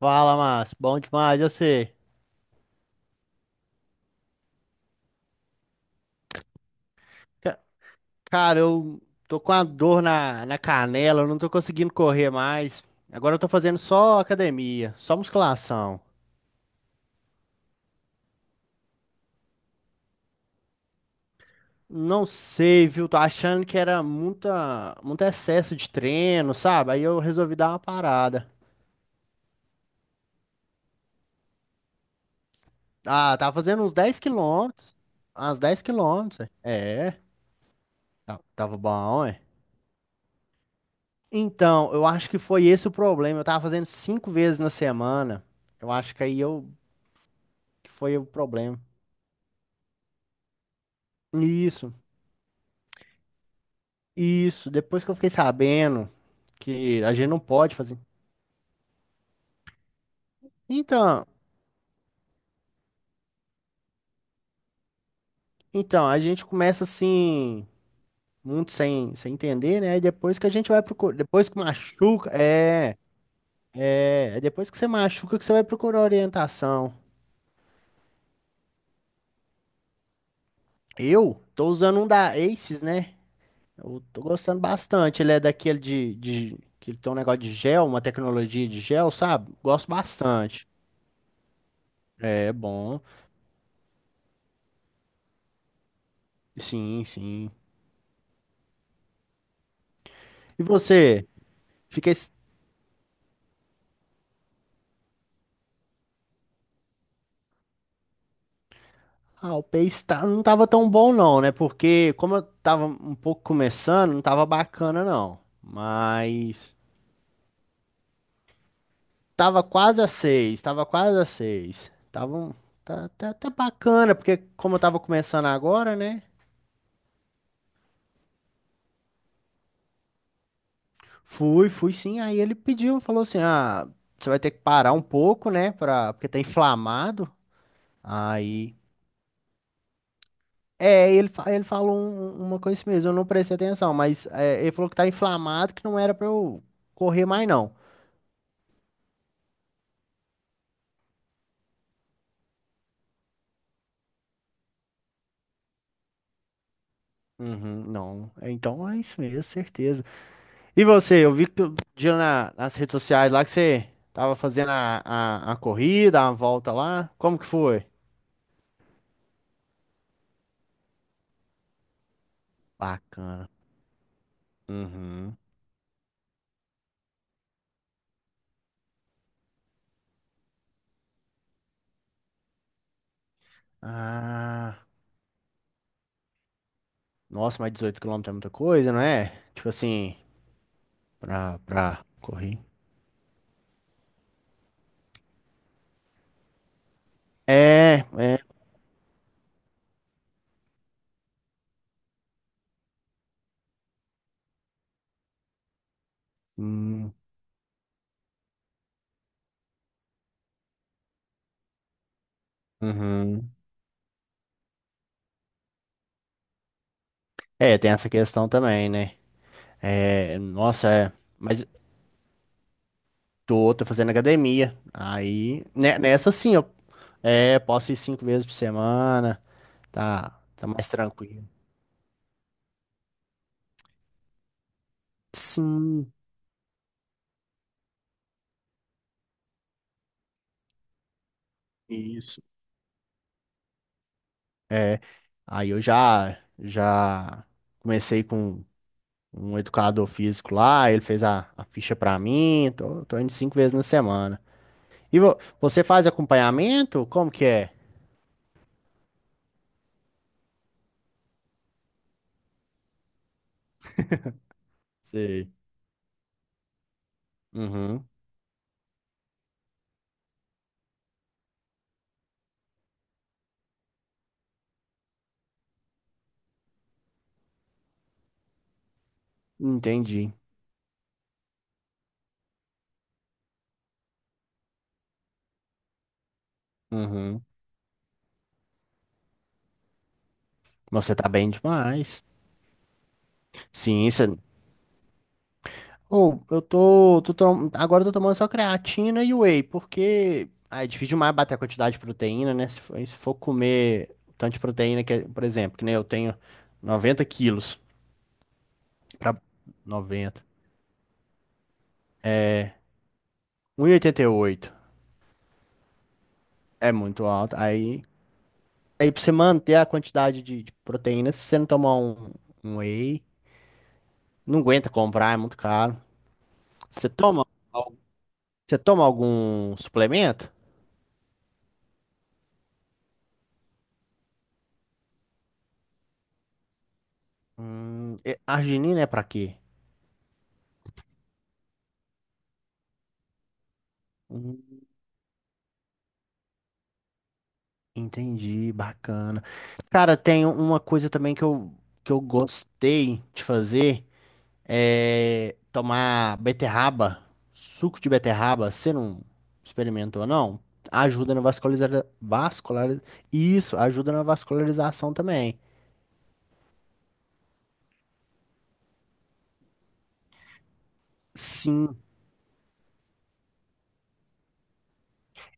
Fala, Márcio. Bom demais, eu sei. Ca- Cara, eu tô com a dor na canela, eu não tô conseguindo correr mais. Agora eu tô fazendo só academia, só musculação. Não sei, viu? Tô achando que era muito excesso de treino, sabe? Aí eu resolvi dar uma parada. Ah, tava fazendo uns 10 quilômetros. Uns 10 quilômetros. É, é, tava bom, é. Então, eu acho que foi esse o problema. Eu tava fazendo cinco vezes na semana. Eu acho que aí eu que foi o problema. Isso, isso. Depois que eu fiquei sabendo que a gente não pode fazer. Então, então a gente começa assim, muito sem entender, né? E depois que a gente vai procurar, depois que machuca, depois que você machuca que você vai procurar orientação. Eu tô usando um da Aces, né? Eu tô gostando bastante. Ele é daquele de que ele tem um negócio de gel, uma tecnologia de gel, sabe? Gosto bastante. É bom. Sim, sim. E você? Fiquei. Ah, o Pace não tava tão bom não, né? Porque como eu tava um pouco começando, não tava bacana não. Mas tava quase a 6, tava quase a 6. Tá, tá, tá bacana, porque como eu tava começando agora, né? Fui, fui sim. Aí ele pediu, falou assim: "Ah, você vai ter que parar um pouco, né, para porque tá inflamado". Aí ele falou uma coisa assim mesmo, eu não prestei atenção, mas ele falou que tá inflamado, que não era pra eu correr mais não. Uhum, não. É, então é isso mesmo, certeza. E você, eu vi que tu dia nas redes sociais lá que você tava fazendo a corrida, a volta lá. Como que foi? Bacana. Uhum. Ah, nossa, mas 18 quilômetros é muita coisa, não é? Tipo assim, pra correr. É, é. Hum, uhum. É, tem essa questão também, né? É, nossa, é. Mas tô fazendo academia. Aí, nessa sim, eu posso ir cinco vezes por semana. Tá, tá mais tranquilo. Sim, isso. É, aí eu já comecei com um educador físico lá, ele fez a ficha pra mim. Tô indo cinco vezes na semana. E você faz acompanhamento? Como que é? Sei. Uhum, entendi. Uhum. Você tá bem demais. Sim, ou eu tô, tô tom- agora eu tô tomando só creatina e whey, porque ah, é difícil demais bater a quantidade de proteína, né? Se for comer o tanto de proteína que, por exemplo, que nem eu tenho 90 quilos pra 90, um e oitenta e oito é muito alto. Aí pra você manter a quantidade de proteína, se você não tomar um whey, não aguenta comprar, é muito caro. Você toma, al- você toma algum suplemento? Arginina é pra quê? Hum. Entendi, bacana. Cara, tem uma coisa também que eu gostei de fazer, é tomar beterraba, suco de beterraba. Você não experimentou, não? Ajuda na vascularização. Isso, ajuda na vascularização também. Sim,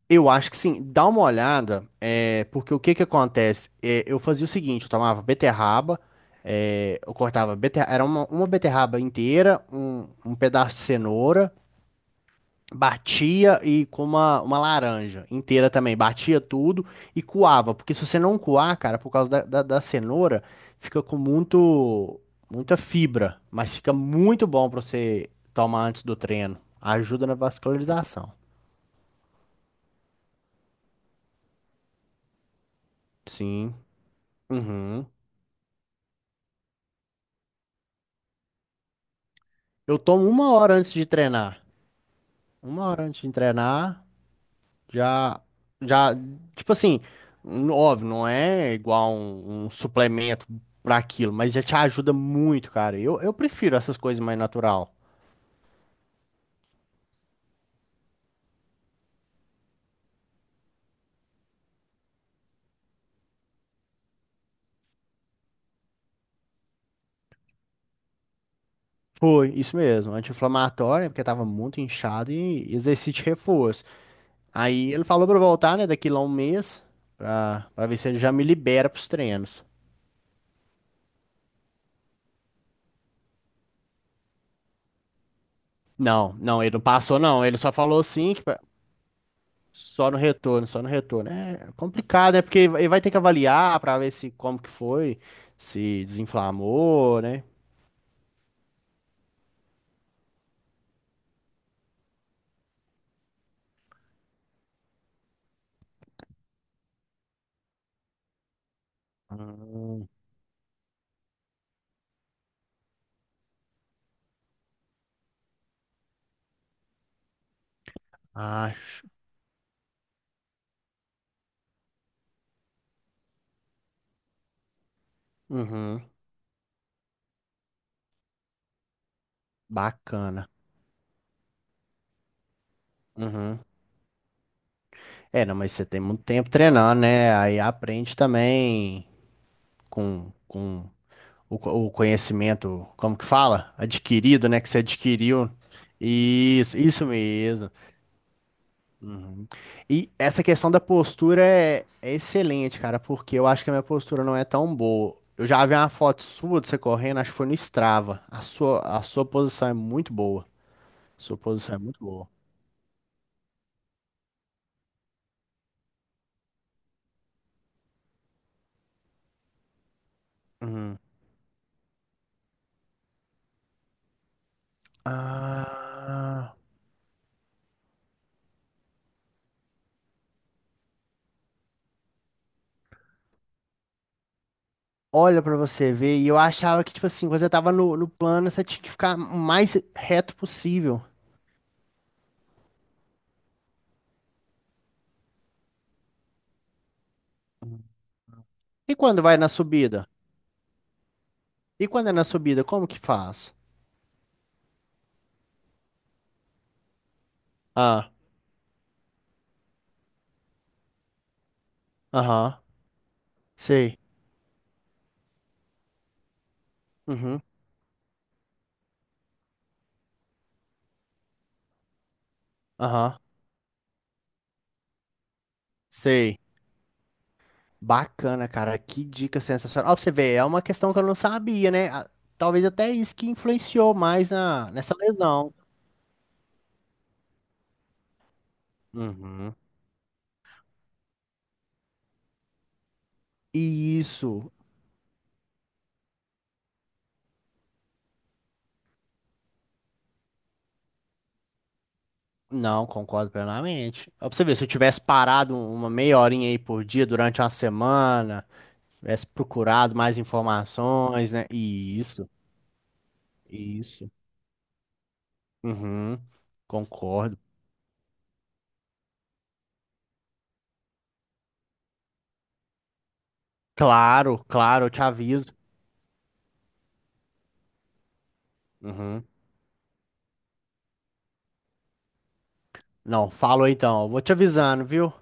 eu acho que sim. Dá uma olhada, porque o que que acontece? É, eu fazia o seguinte, eu tomava beterraba, eu cortava beterraba, era uma beterraba inteira, um pedaço de cenoura, batia e com uma laranja inteira também. Batia tudo e coava. Porque se você não coar, cara, por causa da cenoura, fica com muita fibra. Mas fica muito bom pra você tomar antes do treino. Ajuda na vascularização. Sim. Uhum. Eu tomo uma hora antes de treinar. Uma hora antes de treinar. Já, já, tipo assim, óbvio, não é igual um suplemento pra aquilo, mas já te ajuda muito, cara. Eu prefiro essas coisas mais natural. Foi, isso mesmo, anti-inflamatório, porque tava muito inchado e exercício de reforço. Aí ele falou pra eu voltar, né, daqui lá um mês, pra ver se ele já me libera pros treinos. Não, não, ele não passou, não. Ele só falou assim, que. Só no retorno, só no retorno. É complicado, é porque ele vai ter que avaliar para ver se como que foi, se desinflamou, né? Hum, acho. Uhum, bacana. Uhum. É, não, mas você tem muito tempo treinando, né? Aí aprende também com o conhecimento, como que fala? Adquirido, né? Que você adquiriu. Isso mesmo. Uhum. E essa questão da postura é excelente, cara, porque eu acho que a minha postura não é tão boa. Eu já vi uma foto sua de você correndo, acho que foi no Strava. A sua posição é muito boa. Sua posição é muito boa. Uhum. Ah, olha pra você ver. E eu achava que, tipo assim, quando você tava no plano, você tinha que ficar o mais reto possível. E quando vai na subida? E quando é na subida, como que faz? Ah, aham, sei. Uhum, aham, sei. Bacana, cara. Que dica sensacional. Ó, pra você ver, é uma questão que eu não sabia, né? Ah, talvez até isso que influenciou mais nessa lesão. Uhum. E isso. Não, concordo plenamente. Ó, pra você ver, se eu tivesse parado uma meia horinha aí por dia durante uma semana, tivesse procurado mais informações, né? E isso, e isso. Uhum. Concordo. Claro, claro, eu te aviso. Uhum. Não, falou então. Eu vou te avisando, viu?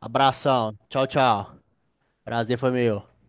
Abração. Tchau, tchau. Prazer foi meu.